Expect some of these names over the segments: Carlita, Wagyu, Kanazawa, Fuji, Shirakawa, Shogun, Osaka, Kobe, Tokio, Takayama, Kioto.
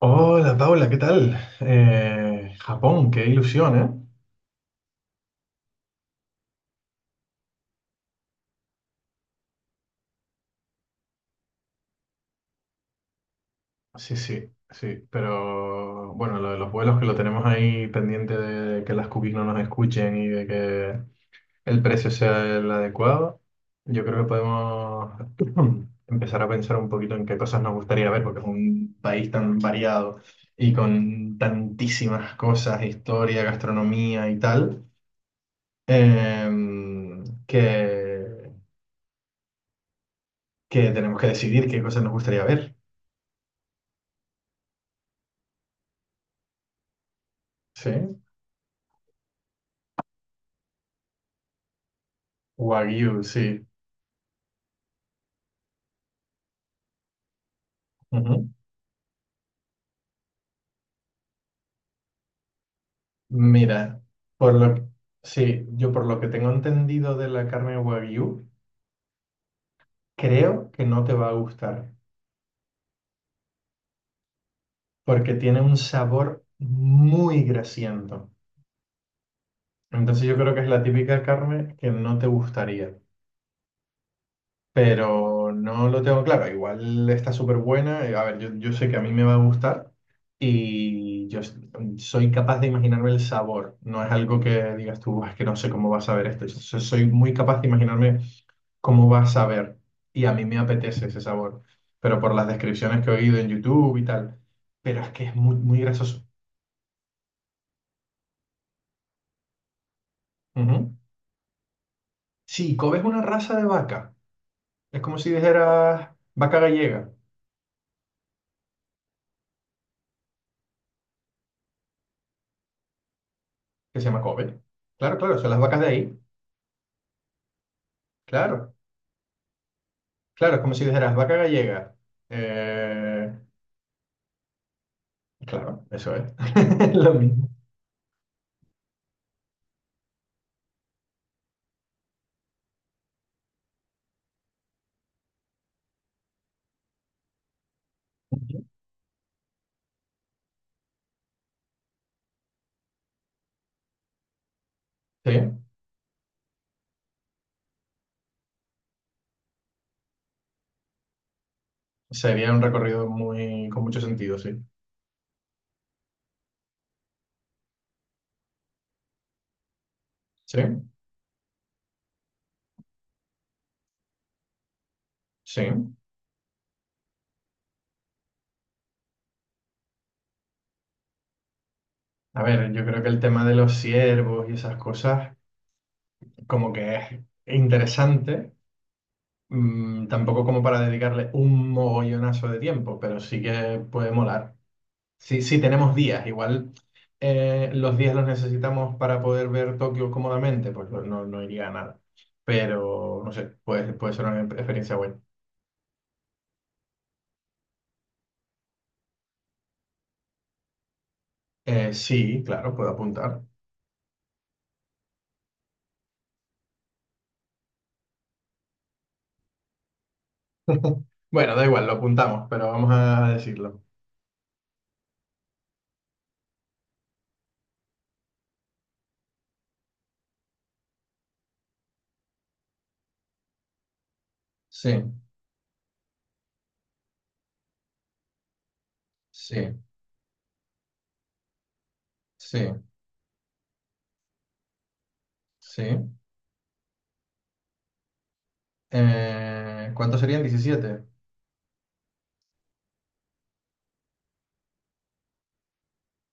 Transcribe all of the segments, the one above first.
Hola Paula, ¿qué tal? Japón, qué ilusión, ¿eh? Sí, sí, sí, pero bueno, lo de los vuelos que lo tenemos ahí pendiente de que las cookies no nos escuchen y de que el precio sea el adecuado, yo creo que podemos empezar a pensar un poquito en qué cosas nos gustaría ver, porque es un país tan variado y con tantísimas cosas, historia, gastronomía y tal, em, que que tenemos que decidir qué cosas nos gustaría ver. Sí. Wagyu, sí. Ujú. Mira, por lo sí, yo por lo que tengo entendido de la carne Wagyu, creo que no te va a gustar, porque tiene un sabor muy grasiento. Entonces yo creo que es la típica carne que no te gustaría. Pero no lo tengo claro. Igual está súper buena. A ver, yo sé que a mí me va a gustar y soy capaz de imaginarme el sabor. No es algo que digas tú, "Buah, es que no sé cómo va a saber esto. Soy muy capaz de imaginarme cómo va a saber y a mí me apetece ese sabor, pero por las descripciones que he oído en YouTube y tal. Pero es que es muy, muy grasoso. Ujú. Sí, Kobe es una raza de vaca. Es como si dijeras vaca gallega, que se llama Kobe. Claro, claro, son las vacas de ahí. Claro. Claro, es como si dijeras vaca gallega. Eh, claro, eso es. Lo mismo. Sí, sería un recorrido con mucho sentido, sí. Sí, sí. A ver, yo creo que el tema de los ciervos y esas cosas, como que es interesante, tampoco como para dedicarle un mogollonazo de tiempo, pero sí que puede molar. Sí, sí, tenemos días. Igual los días los necesitamos para poder ver Tokio cómodamente, pues no, no no iría a nada. Pero no sé, puede ser una experiencia buena. Sí, claro, puedo apuntar. Bueno, da igual, lo apuntamos, pero vamos a decirlo. Sí, sí, sí, sí. ¿Cuántos serían? 17.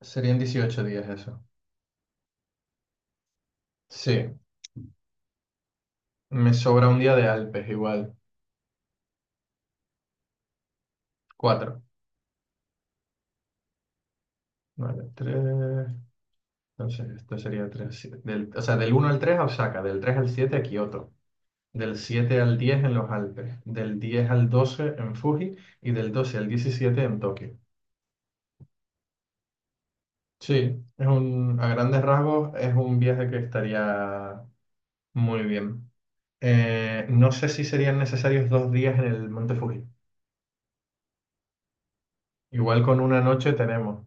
Serían 18 días eso. Sí, me sobra un día de Alpes igual. Cuatro. Vale, tres. Entonces, esto sería 3 del, o sea, del uno al 3 a Osaka, del 3 al 7 a Kioto, del 7 al 10 en los Alpes, del 10 al 12 en Fuji y del 12 al 17 en Tokio. Sí, a grandes rasgos es un viaje que estaría muy bien. No sé si serían necesarios 2 días en el Monte Fuji. Igual con una noche tenemos.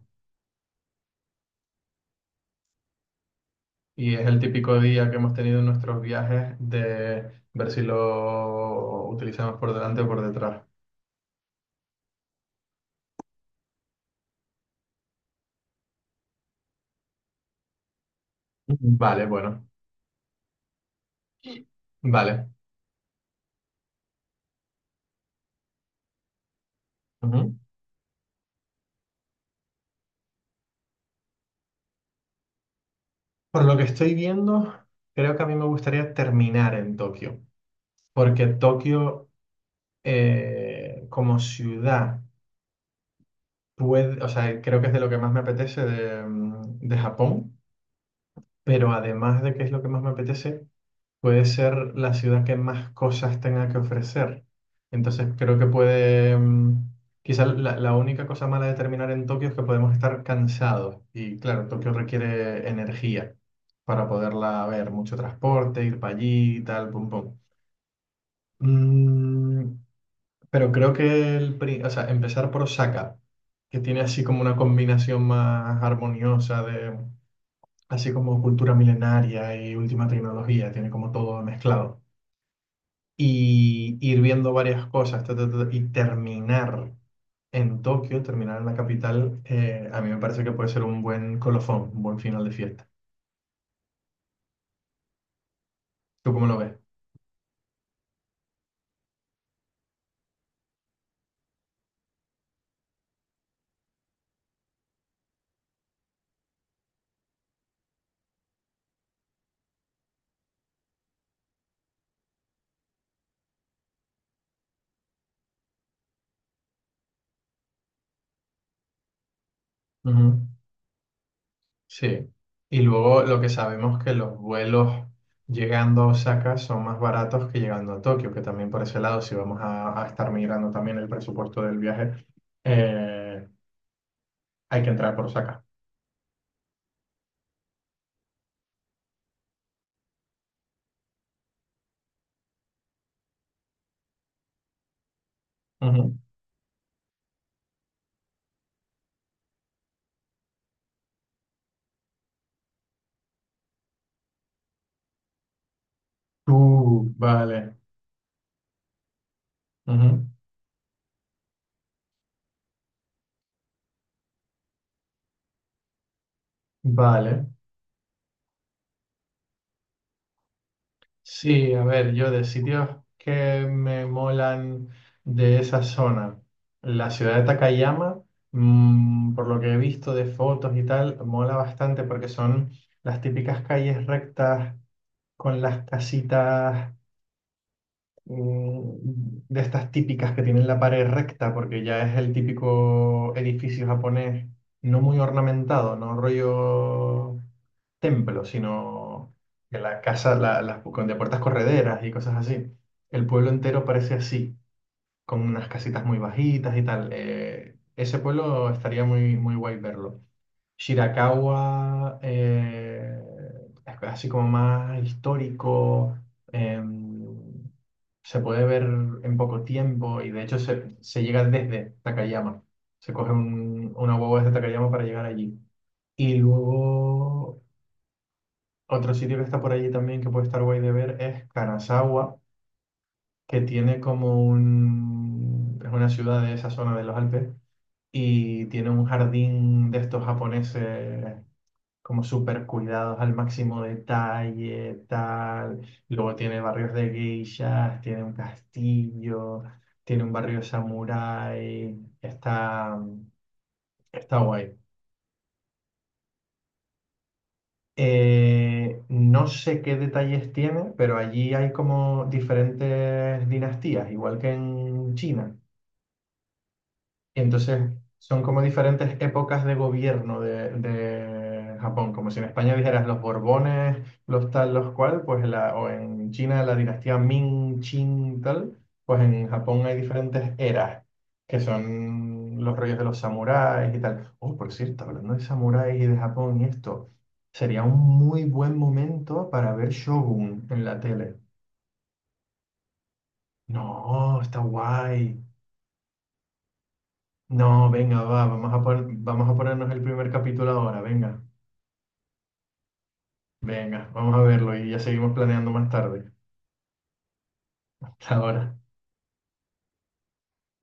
Y es el típico día que hemos tenido en nuestros viajes de ver si lo utilizamos por delante o por detrás. Vale, bueno. Vale. Ujú. Por lo que estoy viendo, creo que a mí me gustaría terminar en Tokio, porque Tokio como ciudad puede, o sea, creo que es de lo que más me apetece de Japón, pero además de que es lo que más me apetece, puede ser la ciudad que más cosas tenga que ofrecer. Entonces creo que quizá la única cosa mala de terminar en Tokio es que podemos estar cansados. Y claro, Tokio requiere energía para poderla ver, mucho transporte, ir para allí, y tal, pum, pum. Mm, pero creo que o sea, empezar por Osaka, que tiene así como una combinación más armoniosa de, así como cultura milenaria y última tecnología, tiene como todo mezclado. Y ir viendo varias cosas ta, ta, ta, y terminar en Tokio, terminar en la capital, a mí me parece que puede ser un buen colofón, un buen final de fiesta. ¿Tú cómo lo ves? Ujú. Sí. Y luego lo que sabemos que los vuelos llegando a Osaka son más baratos que llegando a Tokio, que también por ese lado, si vamos a estar migrando también el presupuesto del viaje, eh, hay que entrar por Osaka. Ujú. Vale. Ujú. Vale. Sí, a ver, yo de sitios que me molan de esa zona, la ciudad de Takayama, por lo que he visto de fotos y tal, mola bastante porque son las típicas calles rectas con las casitas de estas típicas que tienen la pared recta, porque ya es el típico edificio japonés, no muy ornamentado, no rollo templo, sino que la casa, la- las con de puertas correderas y cosas así. El pueblo entero parece así, con unas casitas muy bajitas y tal. Ese pueblo estaría muy, muy guay verlo. Shirakawa, así como más histórico, em, se puede ver en poco tiempo y de hecho se llega desde Takayama. Se coge una guagua desde Takayama para llegar allí. Y luego otro sitio que está por allí también que puede estar guay de ver es Kanazawa, que tiene como un... es una ciudad de esa zona de los Alpes y tiene un jardín de estos japoneses como súper cuidados al máximo detalle, tal. Luego tiene barrios de geishas, tiene un castillo, tiene un barrio samurái. Está, está guay. No sé qué detalles tiene, pero allí hay como diferentes dinastías, igual que en China. Y entonces son como diferentes épocas de gobierno de Japón, como si en España dijeras los Borbones, los tal, los cual, pues la, o en China la dinastía Ming, Qing, tal, pues en Japón hay diferentes eras, que son los rollos de los samuráis y tal. Oh, por cierto, hablando de samuráis y de Japón y esto, sería un muy buen momento para ver Shogun en la tele. No, está guay. No, venga, va, vamos a vamos a ponernos el primer capítulo ahora, venga, venga, vamos a verlo y ya seguimos planeando más tarde. Hasta ahora.